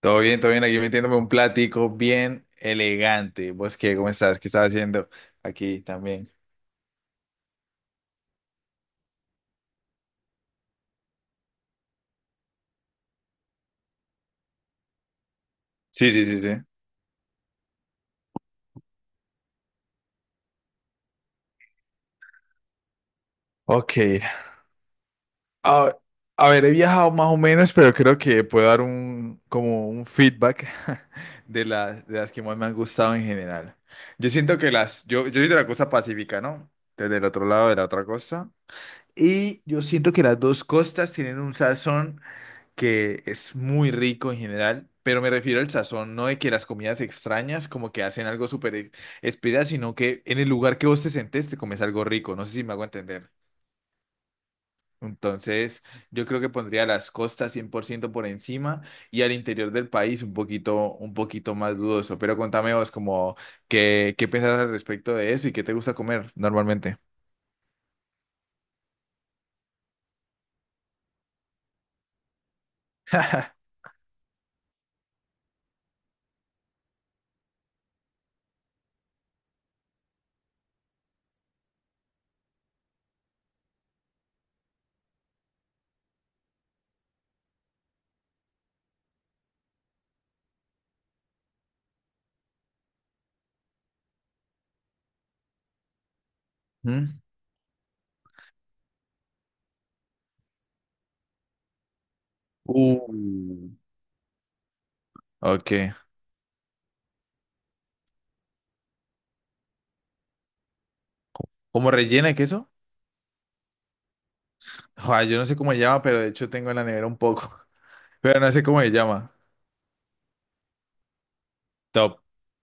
Todo bien, todo bien. Aquí metiéndome un platico bien elegante. ¿Vos qué? ¿Cómo estás? ¿Qué estás haciendo aquí también? Sí, sí, sí, sí. Ok. A, a ver, he viajado más o menos, pero creo que puedo dar como un feedback de las que más me han gustado en general. Yo siento que yo soy de la costa pacífica, ¿no? Desde el otro lado de la otra costa. Y yo siento que las dos costas tienen un sazón que es muy rico en general, pero me refiero al sazón, no de que las comidas extrañas como que hacen algo súper especial, sino que en el lugar que vos te sentés te comes algo rico, no sé si me hago entender. Entonces, yo creo que pondría las costas 100 por ciento por encima y al interior del país un poquito más dudoso. Pero contame vos como qué pensás al respecto de eso y qué te gusta comer normalmente. ¿Mm? Uh. Ok. ¿Como rellena de queso? Joder, yo no sé cómo se llama, pero de hecho tengo en la nevera un poco. Pero no sé cómo se llama. Top,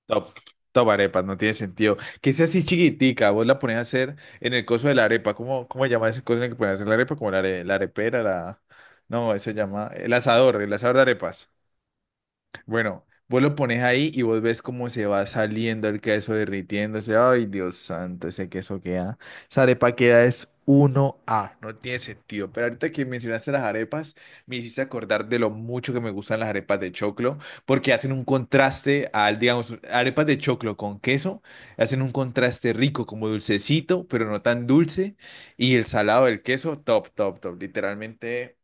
top, top arepas, no tiene sentido. Que sea así chiquitica, vos la ponés a hacer en el coso de la arepa. Cómo se llama ese coso en el que pones a hacer la arepa? Como la arepera, la... No, eso se llama el asador de arepas. Bueno, vos lo pones ahí y vos ves cómo se va saliendo el queso derritiéndose. Ay, Dios santo, ese queso queda. Esa arepa queda es uno a. No tiene sentido. Pero ahorita que mencionaste las arepas, me hiciste acordar de lo mucho que me gustan las arepas de choclo, porque hacen un contraste al, digamos, arepas de choclo con queso. Hacen un contraste rico, como dulcecito, pero no tan dulce. Y el salado del queso, top, top, top. Literalmente,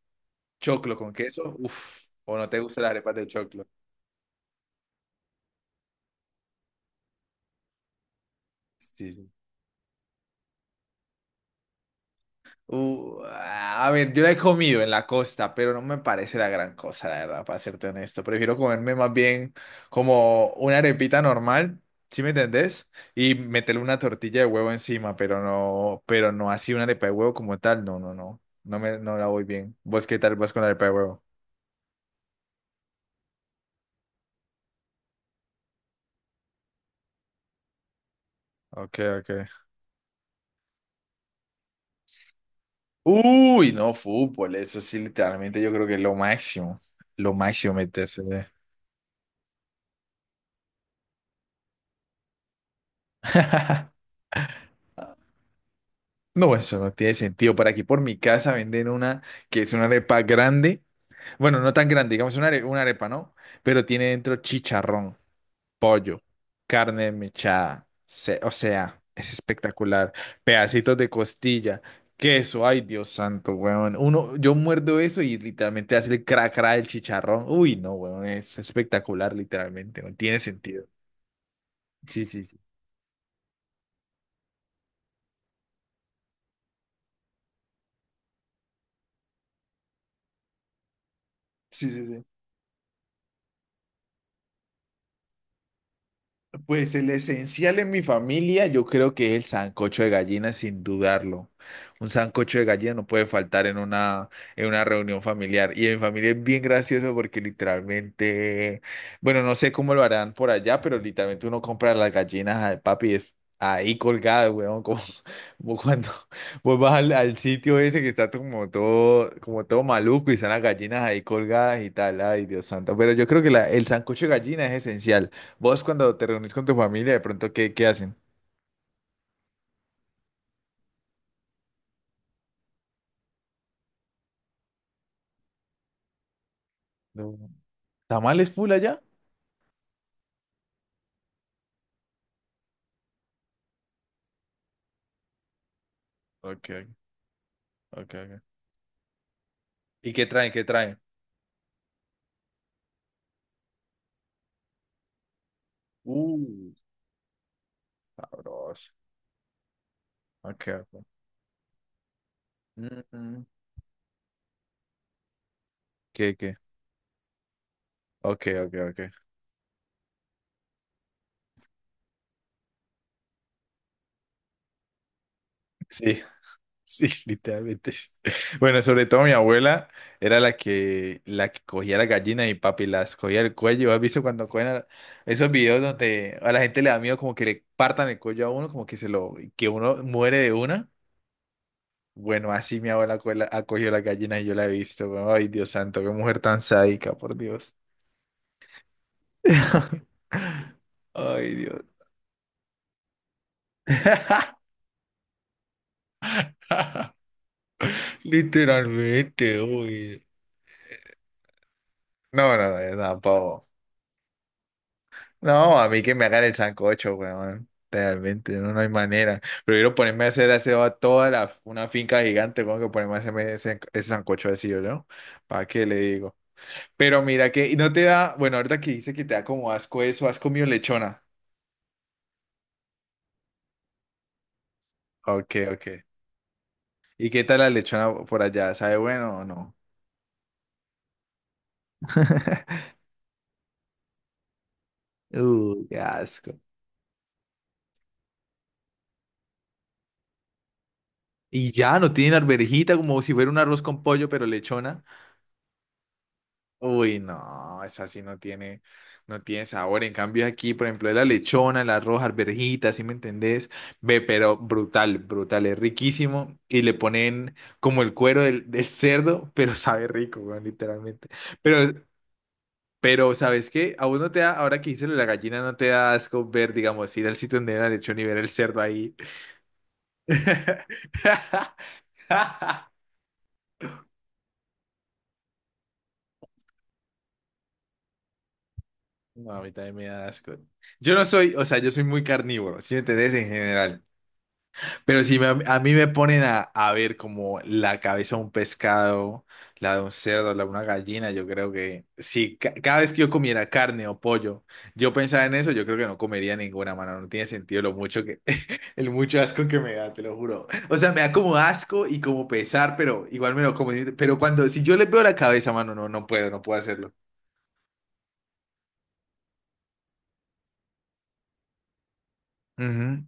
choclo con queso. Uf, o no te gustan las arepas de choclo. Sí. A ver, yo la he comido en la costa, pero no me parece la gran cosa, la verdad, para serte honesto. Prefiero comerme más bien como una arepita normal, ¿sí me entendés? Y meterle una tortilla de huevo encima, pero no así una arepa de huevo como tal. No, no, no. No la voy bien. ¿Vos qué tal vas con la arepa de huevo? Ok, ok. Uy, no, fútbol, eso sí, literalmente yo creo que es lo máximo. Lo máximo meterse. No, eso no tiene sentido. Por aquí, por mi casa, venden una que es una arepa grande. Bueno, no tan grande, digamos una arepa, ¿no? Pero tiene dentro chicharrón, pollo, carne mechada. O sea, es espectacular. Pedacitos de costilla, queso. Ay, Dios santo, weón. Uno, yo muerdo eso y literalmente hace el cra cra del chicharrón. Uy, no, weón, es espectacular, literalmente. No tiene sentido. Sí, sí, sí. Sí, sí, sí. Pues el esencial en mi familia, yo creo que es el sancocho de gallina, sin dudarlo. Un sancocho de gallina no puede faltar en en una reunión familiar. Y en mi familia es bien gracioso porque literalmente, bueno, no sé cómo lo harán por allá, pero literalmente uno compra las gallinas al papi y es ahí colgada, weón, como, como cuando vos vas al sitio ese que está como todo maluco y están las gallinas ahí colgadas y tal. Ay, Dios santo. Pero yo creo que el sancocho de gallina es esencial. Vos cuando te reunís con tu familia, de pronto, qué hacen? No. ¿Tamales full allá? Ok, ok, ok. ¿Y qué traen? ¿Qué traen? Uh, sabroso. Ok, ok. Mm, mm. ¿Qué, qué? Ok, ok, ok. Sí, sí, literalmente. Sí. Bueno, sobre todo mi abuela era la que cogía la gallina y papi las cogía el cuello. ¿Has visto cuando esos videos donde a la gente le da miedo como que le partan el cuello a uno, como que se lo, que uno muere de una? Bueno, así mi abuela ha cogido las gallinas y yo la he visto. Weón. Ay, Dios santo, qué mujer tan sádica, por Dios. Ay, Dios. Literalmente, uy. No, no, no, no, pavo. No, a mí que me hagan el sancocho, weón. Realmente, no hay manera. Prefiero ponerme a hacer aseo a toda la, una finca gigante, weón, que ponerme a hacerme ese sancocho así, ¿no? ¿Para qué le digo? Pero mira que, y no te da, bueno, ahorita que dice que te da como asco eso, ¿has comido lechona? Ok, ok. ¿Y qué tal la lechona por allá? ¿Sabe bueno o no? Uy, qué asco. Y ya, no tienen arvejita como si fuera un arroz con pollo, pero lechona. Uy, no, esa no tiene sabor. En cambio aquí, por ejemplo, la lechona, el arroz, arvejita, ¿sí me entendés? Ve, pero brutal, brutal, es riquísimo. Y le ponen como el cuero del cerdo, pero sabe rico, weón, literalmente. Pero pero, ¿sabes qué? A uno te da, ahora que hice lo de la gallina, no te da asco ver, digamos, ir al sitio donde era el lechón y ver el cerdo ahí. No, a mí también me da asco. Yo no soy, o sea, yo soy muy carnívoro, si me entendés en general. Pero si me- a mí me ponen a ver como la cabeza de un pescado, la de un cerdo, la de una gallina, yo creo que si ca- cada vez que yo comiera carne o pollo, yo pensaba en eso, yo creo que no comería ninguna, mano. No tiene sentido lo mucho que, el mucho asco que me da, te lo juro. O sea, me da como asco y como pesar, pero igual me lo como. Pero cuando, si yo les veo la cabeza, mano, no puedo, no puedo hacerlo. Ujú.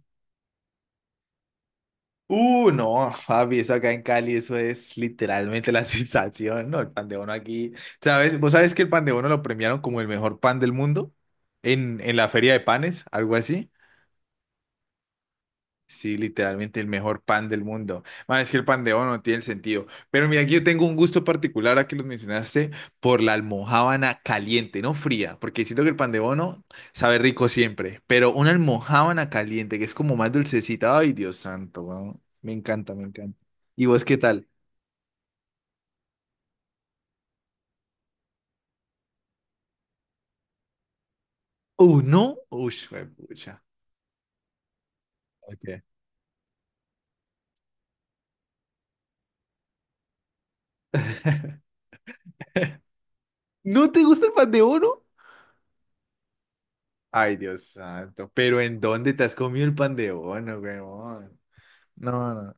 No, papi, eso acá en Cali, eso es literalmente la sensación, ¿no? El pan de bono aquí, ¿sabes? ¿Vos sabés que el pan de bono lo premiaron como el mejor pan del mundo en la feria de panes, algo así? Sí, literalmente el mejor pan del mundo. Man, es que el pan de bono no tiene el sentido. Pero mira, aquí yo tengo un gusto particular, a que lo mencionaste, por la almojábana caliente, no fría, porque siento que el pan de bono sabe rico siempre, pero una almojábana caliente, que es como más dulcecita. Ay, Dios santo, weón. Me encanta, me encanta. ¿Y vos qué tal? ¿No? Uy, pucha. Ok. ¿No te gusta el pan de bono? Ay, Dios santo. ¿Pero en dónde te has comido el pan de bono, weón? No, no.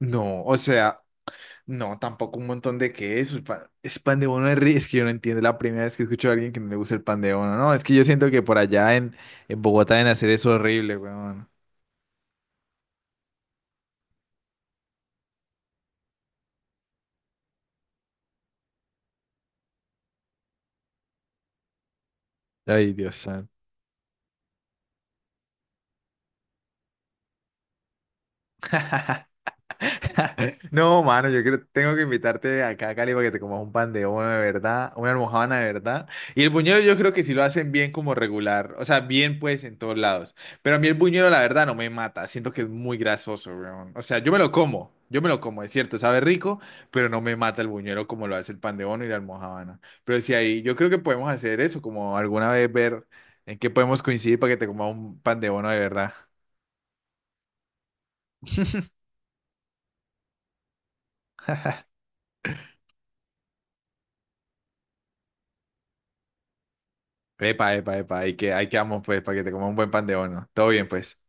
No, o sea, no, tampoco un montón de quesos. Es pan de bono Es que yo no entiendo la primera vez que escucho a alguien que no le gusta el pan de bono. No, es que yo siento que por allá en Bogotá deben hacer eso horrible, weón. Ay, Dios. No, mano, yo creo, tengo que invitarte acá a Cali para que te comas un pan de bono de verdad, una almojábana de verdad. Y el buñuelo yo creo que sí lo hacen bien como regular, o sea, bien pues en todos lados. Pero a mí el buñuelo la verdad no me mata, siento que es muy grasoso, weón. O sea, yo me lo como, yo me lo como, es cierto, sabe rico, pero no me mata el buñuelo como lo hace el pan de bono y la almojábana. Pero sí ahí, yo creo que podemos hacer eso, como alguna vez ver en qué podemos coincidir para que te comas un pan de bono de verdad. Epa, epa, epa, hay que vamos pues para que te coma un buen pan de bono. Todo bien pues.